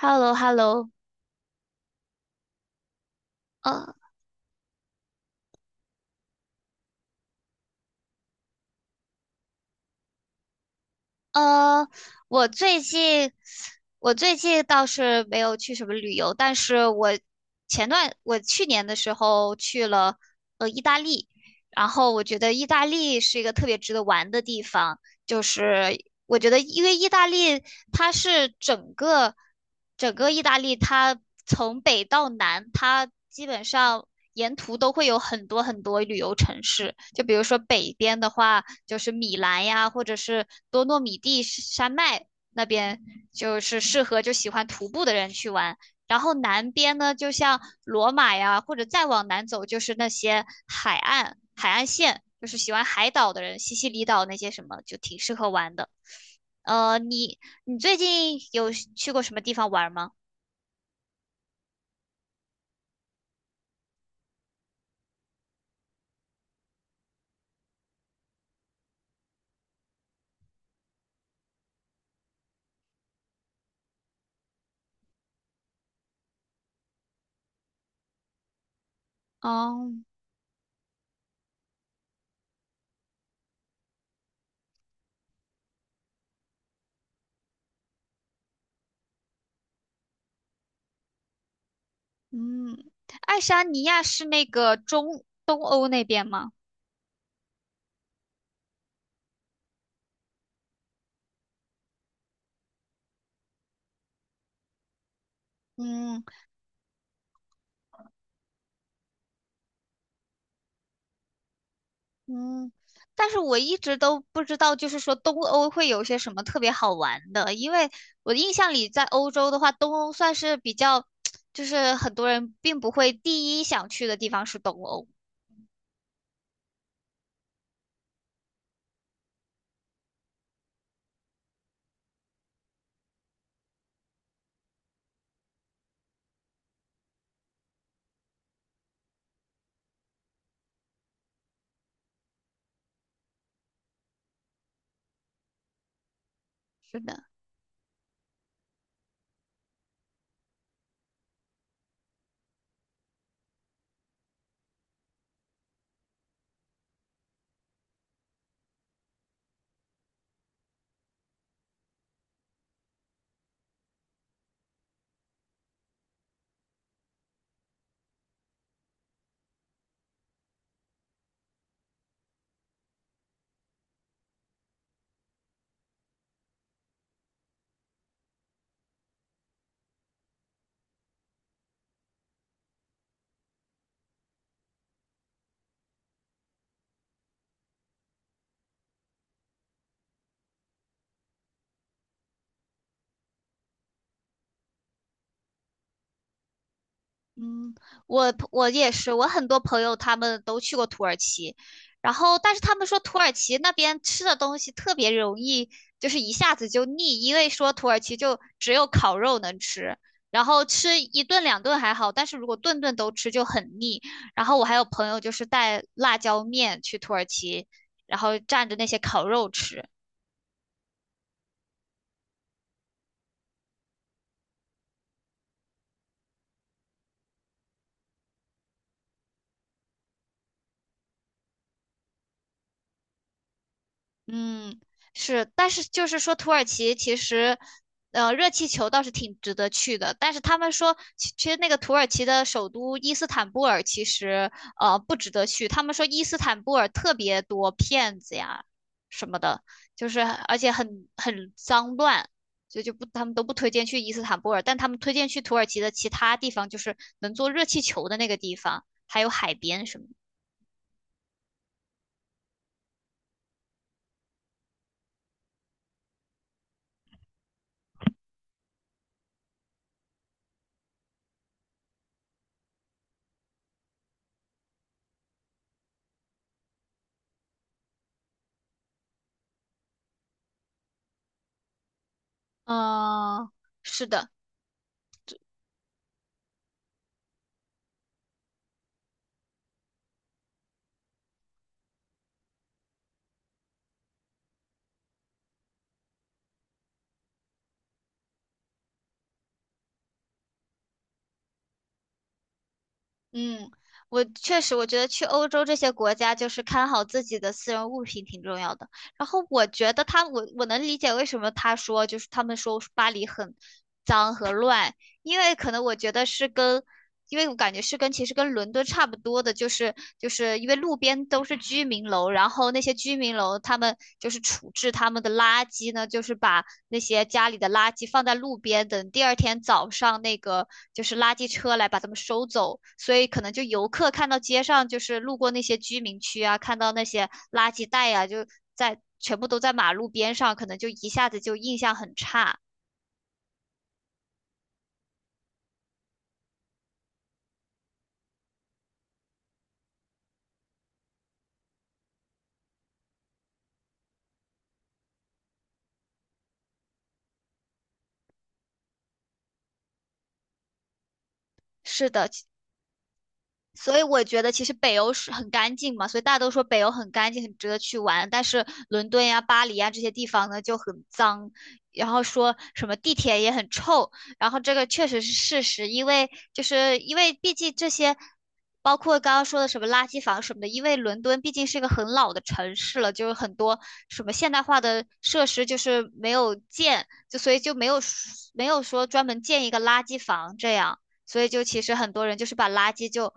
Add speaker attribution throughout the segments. Speaker 1: h e l l o h e l l o 呃呃，我最近我最近倒是没有去什么旅游，但是我我去年的时候去了意大利。然后我觉得意大利是一个特别值得玩的地方。就是我觉得，因为意大利它是整个整个意大利，它从北到南，它基本上沿途都会有很多很多旅游城市。就比如说北边的话，就是米兰呀，或者是多诺米蒂山脉那边，就是适合就喜欢徒步的人去玩。然后南边呢，就像罗马呀，或者再往南走，就是那些海岸、海岸线，就是喜欢海岛的人，西西里岛那些什么，就挺适合玩的。呃，你你最近有去过什么地方玩吗？哦。嗯，爱沙尼亚是那个中东欧那边吗？嗯。嗯，但是我一直都不知道，就是说东欧会有些什么特别好玩的，因为我的印象里，在欧洲的话，东欧算是比较，就是很多人并不会第一想去的地方是东欧。是的。嗯，我也是，我很多朋友他们都去过土耳其。然后但是他们说土耳其那边吃的东西特别容易就是一下子就腻，因为说土耳其就只有烤肉能吃，然后吃一顿两顿还好，但是如果顿顿都吃就很腻。然后我还有朋友就是带辣椒面去土耳其，然后蘸着那些烤肉吃。嗯，是。但是就是说，土耳其其实，热气球倒是挺值得去的。但是他们说，其实那个土耳其的首都伊斯坦布尔其实，不值得去。他们说伊斯坦布尔特别多骗子呀什么的，就是而且很脏乱，所以就不他们都不推荐去伊斯坦布尔，但他们推荐去土耳其的其他地方，就是能坐热气球的那个地方，还有海边什么的。嗯，是的。嗯，我确实，我觉得去欧洲这些国家，就是看好自己的私人物品挺重要的。然后我觉得他，我能理解为什么他说，就是他们说巴黎很脏和乱。因为可能我觉得是跟，因为我感觉是跟其实跟伦敦差不多的，就是就是因为路边都是居民楼，然后那些居民楼他们就是处置他们的垃圾呢，就是把那些家里的垃圾放在路边，等第二天早上那个就是垃圾车来把它们收走。所以可能就游客看到街上就是路过那些居民区啊，看到那些垃圾袋啊，就在全部都在马路边上，可能就一下子就印象很差。是的。所以我觉得其实北欧是很干净嘛，所以大家都说北欧很干净，很值得去玩。但是伦敦呀、巴黎呀这些地方呢就很脏，然后说什么地铁也很臭。然后这个确实是事实，因为就是因为毕竟这些，包括刚刚说的什么垃圾房什么的，因为伦敦毕竟是一个很老的城市了，就是很多什么现代化的设施就是没有建，就所以就没有说专门建一个垃圾房这样。所以就其实很多人就是把垃圾就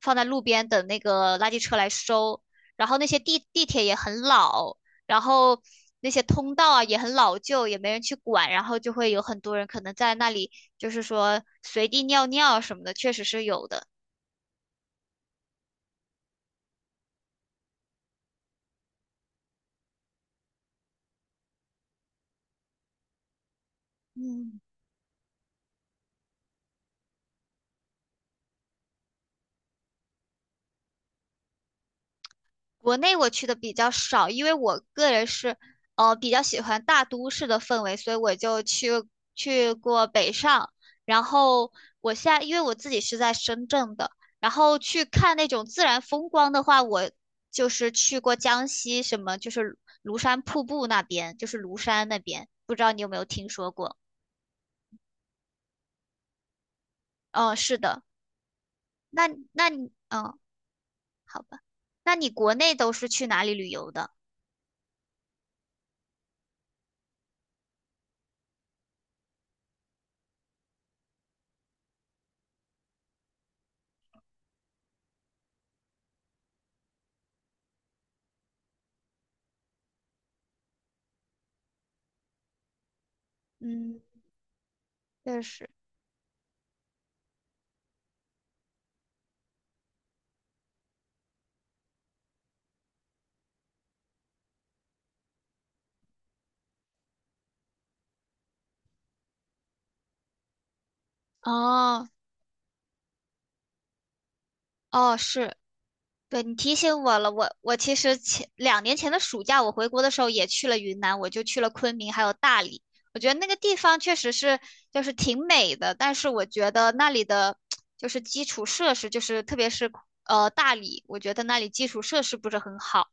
Speaker 1: 放在路边等那个垃圾车来收。然后那些地铁也很老，然后那些通道啊也很老旧，也没人去管，然后就会有很多人可能在那里就是说随地尿尿什么的，确实是有的。嗯。国内我去的比较少，因为我个人是比较喜欢大都市的氛围，所以我就去过北上。然后我现在因为我自己是在深圳的，然后去看那种自然风光的话，我就是去过江西什么，就是庐山瀑布那边，就是庐山那边，不知道你有没有听说过？嗯，是的。那那你嗯，好吧，那你国内都是去哪里旅游的？嗯，确实。哦。哦，是。对，你提醒我了，我其实前两年前的暑假我回国的时候也去了云南，我就去了昆明还有大理。我觉得那个地方确实是就是挺美的。但是我觉得那里的就是基础设施，就是特别是大理，我觉得那里基础设施不是很好，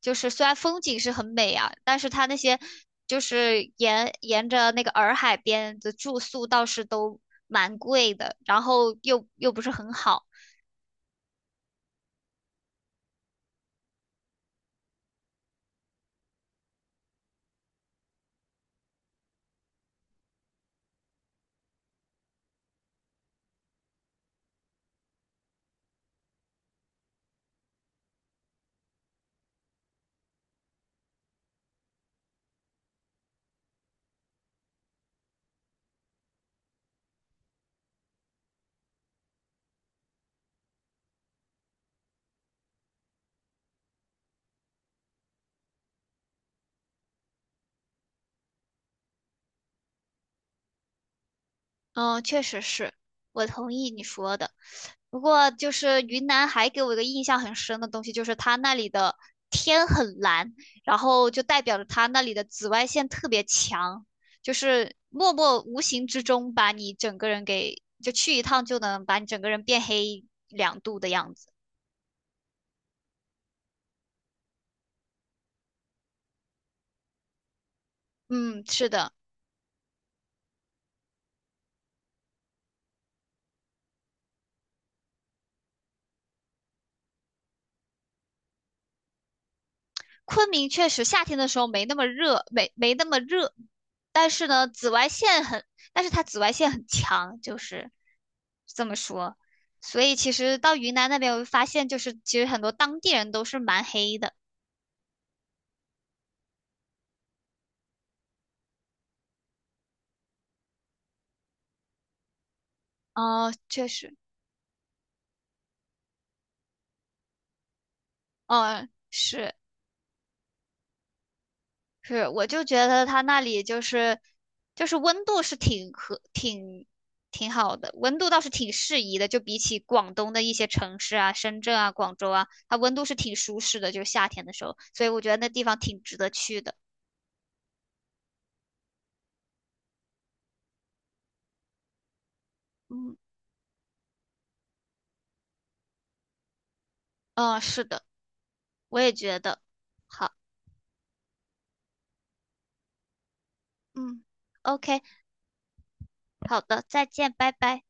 Speaker 1: 就是虽然风景是很美啊，但是它那些就是沿着那个洱海边的住宿倒是都蛮贵的，然后又不是很好。嗯，确实是，我同意你说的。不过就是云南还给我一个印象很深的东西，就是它那里的天很蓝，然后就代表着它那里的紫外线特别强，就是默默无形之中把你整个人给，就去一趟就能把你整个人变黑两度的样子。嗯，是的。昆明确实夏天的时候没那么热，没那么热，但是呢，紫外线很，但是它紫外线很强，就是这么说。所以其实到云南那边，我就发现就是其实很多当地人都是蛮黑的。哦，确实。嗯，是。是，我就觉得它那里就是就是温度是挺和挺挺好的，温度倒是挺适宜的，就比起广东的一些城市啊，深圳啊、广州啊，它温度是挺舒适的，就是夏天的时候，所以我觉得那地方挺值得去的。嗯。嗯，是的，我也觉得。好。嗯，OK。好的，再见，拜拜。